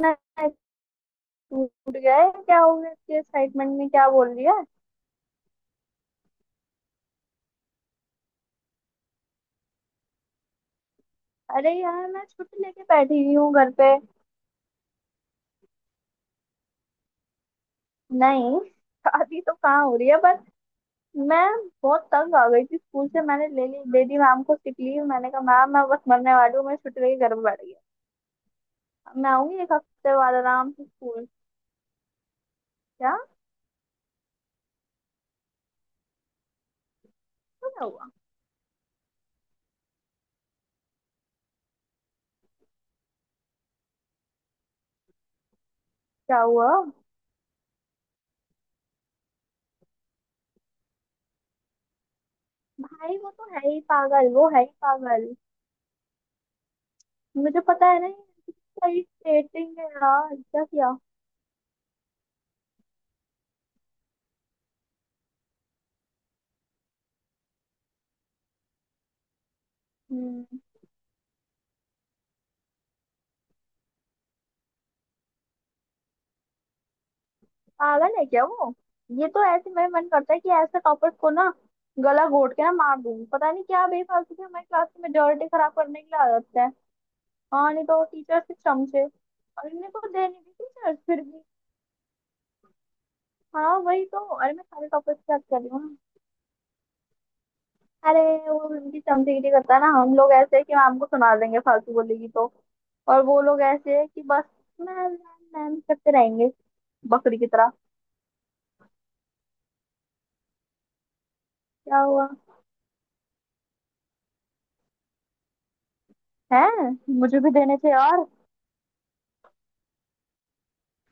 ना। टूट गया है क्या हो गया इसके एक्साइटमेंट में, क्या बोल रही है। अरे यार, मैं छुट्टी लेके बैठी हुई हूँ घर पे। नहीं। शादी तो कहाँ हो रही है। बस मैं बहुत तंग आ गई थी स्कूल से। मैंने ले ली, दे दी मैम को सिक लीव। मैंने कहा मैम मैं बस मरने वाली हूँ। मैं छुट्टी लेके घर पे बैठ गई। अब मैं आऊंगी एक हफ्ते बाद आराम से स्कूल। क्या। तो क्या हुआ। क्या हुआ। भाई वो तो है ही पागल, वो है ही पागल। मुझे पता है ना ये। इसका irritating है यार, क्या किया। हम्म। पागल है क्या वो। ये तो ऐसे मेरा मन करता है कि ऐसे टॉपर को ना गला घोट के ना मार दूं। पता नहीं क्या बेफालतू की हमारी क्लास की मेजोरिटी खराब करने की आदत है। हाँ नहीं तो, टीचर से चमचे, और इन्हें को देने भी टीचर फिर भी। हाँ वही तो। अरे मैं सारे टॉपर की बात कर रही हूँ ना। अरे वो उनकी चमचेगिरी करता है ना, हम लोग ऐसे है कि मैम को सुना देंगे फालतू बोलेगी तो। और वो लोग ऐसे है कि बस मैम मैम मैम करते रहेंगे बकरी की तरह। क्या हुआ। है। मुझे भी देने थे यार।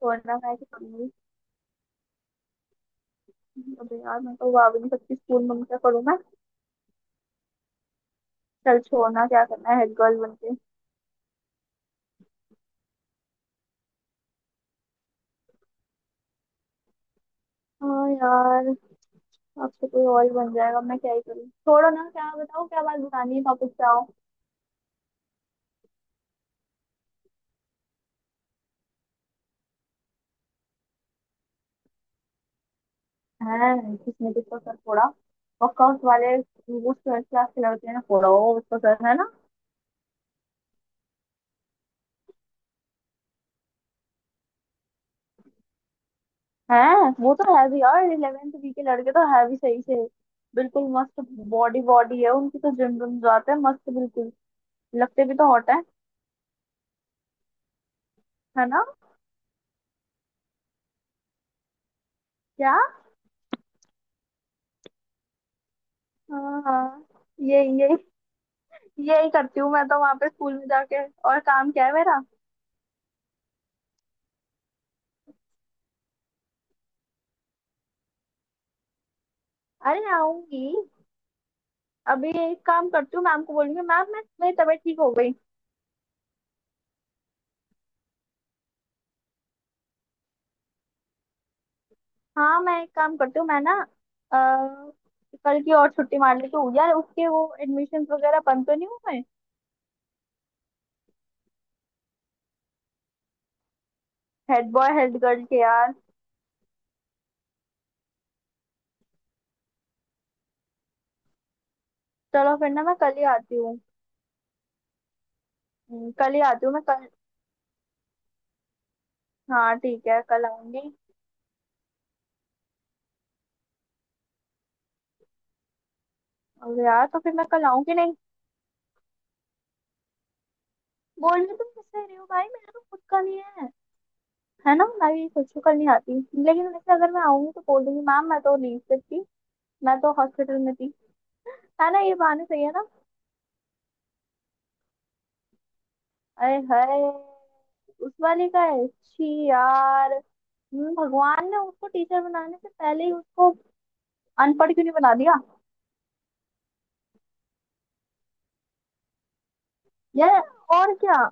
छोड़ना, मैं कि करूंगी। अबे यार मैं तो आ भी नहीं सकती स्कूल में, क्या करूँ मैं। चल छोड़ना, क्या करना है हेड गर्ल बन के। हाँ यार। अब तो कोई और ही बन जाएगा, मैं क्या ही करूँ। छोड़ो ना, क्या बताओ, क्या बात बतानी है, टॉपिक पे आओ। है। किसने किसको सर फोड़ा। वर्कआउट वाले वो ट्वेल्थ क्लास के लड़के ने फोड़ा हो उसको सर है ना। है। वो तो है भी यार, इलेवेंथ बी के लड़के तो है भी सही से, बिल्कुल मस्त। बॉडी बॉडी है उनकी, तो जिम जिम जाते हैं, मस्त बिल्कुल। लगते भी तो हॉट है। है ना। क्या। हाँ हाँ। ये यही करती हूँ मैं तो वहां पे स्कूल में जाके। और काम क्या है मेरा। अरे आऊंगी। अभी एक काम करती हूँ, मैम को बोलूंगी मैम मैं मेरी तबीयत ठीक हो गई। हाँ मैं एक काम करती हूँ मैं ना अ, कल की और छुट्टी मार लेती हूँ यार, उसके वो एडमिशन वगैरह बंद तो नहीं हुए। हेड बॉय हेड गर्ल के यार। चलो फिर ना मैं कल ही आती हूँ। कल ही आती हूँ मैं कल। हाँ ठीक है कल आऊंगी। और यार तो फिर मैं कल आऊंगी नहीं। बोल रही तुम किससे रही हो भाई, मेरा तो खुद का नहीं है। है ना, मैं भी खुद को कल नहीं आती। लेकिन वैसे अगर मैं आऊंगी तो बोल दूंगी मैम मैं तो नहीं sick थी, मैं तो हॉस्पिटल में थी। है ना, ये बहाने सही है ना। अरे हाय। उस वाले का है, छी यार। भगवान ने उसको टीचर बनाने से पहले ही उसको अनपढ़ क्यों नहीं बना दिया। यार। और क्या।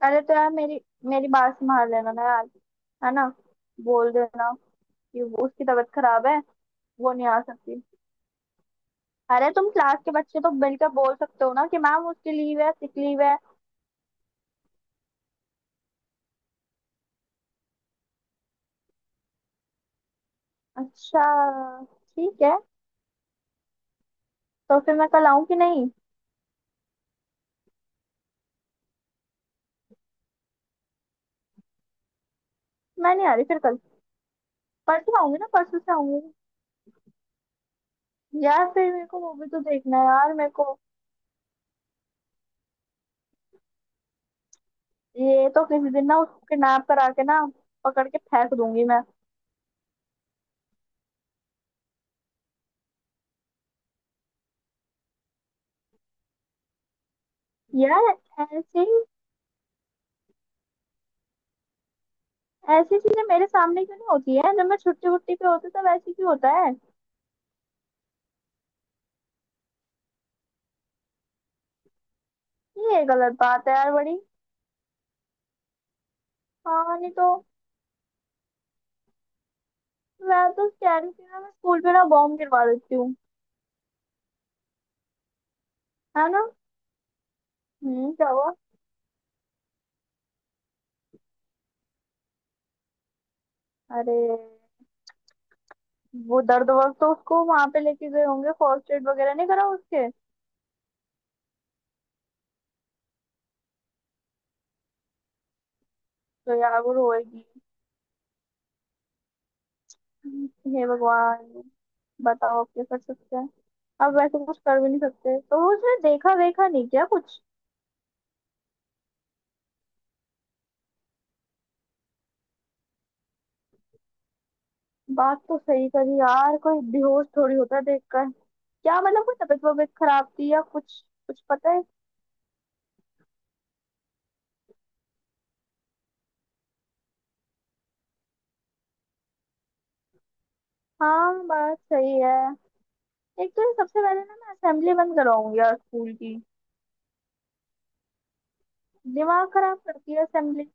पहले तो यार मेरी मेरी बात संभाल लेना ना यार। है ना। बोल देना कि उसकी तबीयत खराब है, वो नहीं आ सकती। अरे तुम क्लास के बच्चे तो मिलकर बोल सकते हो ना, कि मैम उसकी लीव है, सिक लीव है। अच्छा ठीक है। तो फिर मैं कल आऊँ कि नहीं। मैं नहीं आ रही फिर कल। परसों आऊंगी ना, परसों से आऊंगी। यार फिर मेरे को वो भी तो देखना है यार मेरे को। ये तो किसी दिन ना उसके नाप करा के ना पकड़ के फेंक दूंगी मैं। यार ऐसी ऐसी चीजें मेरे सामने क्यों नहीं होती है। जब मैं छुट्टी वुट्टी पे होती तब ऐसे क्यों होता है। ये गलत बात है यार बड़ी। हाँ नहीं तो। मैं तो कह रही थी ना, मैं स्कूल पे ना बॉम्ब गिरवा देती हूँ। है ना। हम्म, क्या हुआ। अरे वो दर्द वर्द तो उसको, वहां पे लेके गए होंगे फर्स्ट एड वगैरह नहीं करा उसके। तो यार वो रोएगी। हे भगवान। बताओ अब क्या कर सकते हैं। अब वैसे कुछ कर भी नहीं सकते, तो वो उसने देखा देखा नहीं क्या कुछ। बात तो सही करी यार, कोई बेहोश थोड़ी होता है देखकर, क्या मतलब कोई तबीयत वबीयत खराब थी या कुछ कुछ पता है। हाँ बात सही है। एक तो ये सबसे पहले ना मैं असेंबली बंद कराऊंगी यार स्कूल की। दिमाग खराब करती है असेंबली।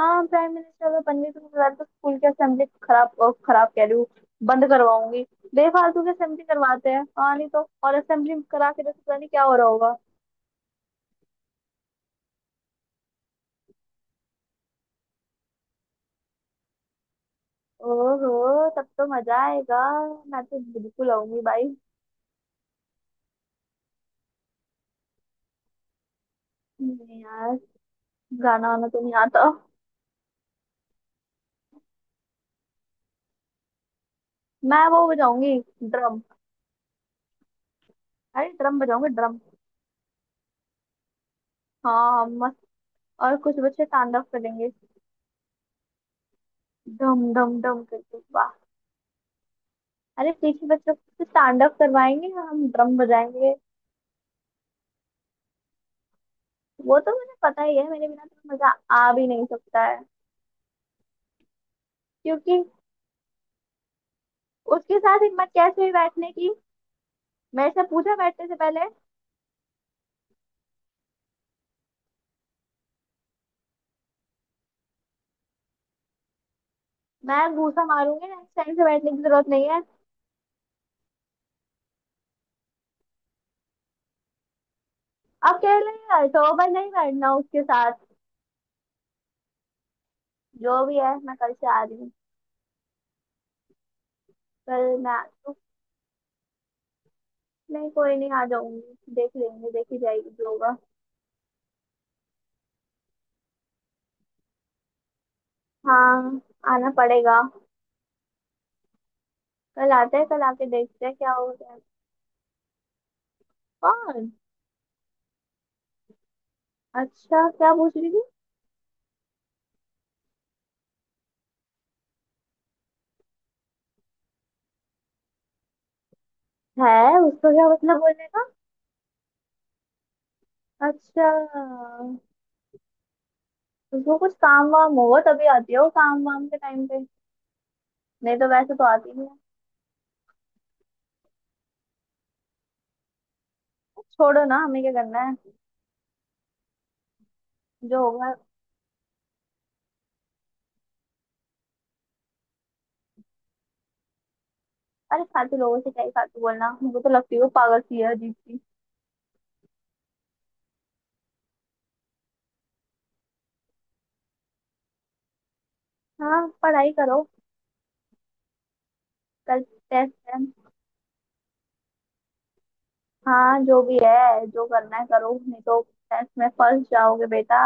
हाँ प्राइम मिनिस्टर अगर बनने को मिला तो स्कूल की असेंबली खराब खराब कह रही हूँ, बंद करवाऊंगी। बेफालतू की असेंबली करवाते हैं, हाँ नहीं तो, और असेंबली करा के तो पता नहीं क्या हो रहा होगा। ओहो तब तो मजा आएगा। मैं तो बिल्कुल आऊंगी भाई। नहीं यार, गाना वाना तो नहीं आता। मैं वो बजाऊंगी, ड्रम। अरे ड्रम बजाऊंगी, ड्रम। हाँ हाँ, मस्त। और कुछ बच्चे स्टैंड अप करेंगे। डम डम डम करके वाह। अरे पीछे बच्चों से स्टैंड अप करवाएंगे, हम ड्रम बजाएंगे। वो तो मुझे पता ही है, मेरे बिना तो मजा आ भी नहीं सकता है। क्योंकि उसके साथ हिम्मत कैसे हुई बैठने की। मेरे से पूछा बैठने से पहले। मैं घूसा मारूंगी, नेक्स्ट टाइम से बैठने की जरूरत नहीं है। अब कह रही है तो मैं नहीं बैठना उसके साथ। जो भी है, मैं कल से आ रही हूँ। कल मैं तो, नहीं कोई नहीं, आ जाऊंगी, देख लेंगे, देखी जाएगी जो होगा। हाँ आना पड़ेगा। कल आते हैं, कल आके देखते हैं क्या होता है। कौन। अच्छा क्या पूछ रही थी। है उसको क्या मतलब बोलने का। अच्छा। उसको कुछ काम वाम होगा तभी आती है, वो काम वाम के टाइम पे। नहीं तो वैसे तो आती नहीं है। छोड़ो ना, हमें क्या करना है। जो होगा। अरे फालतू लोगों से क्या ही फालतू बोलना, मुझे तो लगती है वो पागल सी है, अजीब सी। हाँ पढ़ाई करो। कल टेस्ट है। हाँ जो भी है, जो करना है करो नहीं तो टेस्ट में फंस जाओगे बेटा।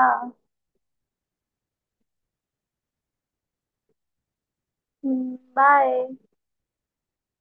बाय।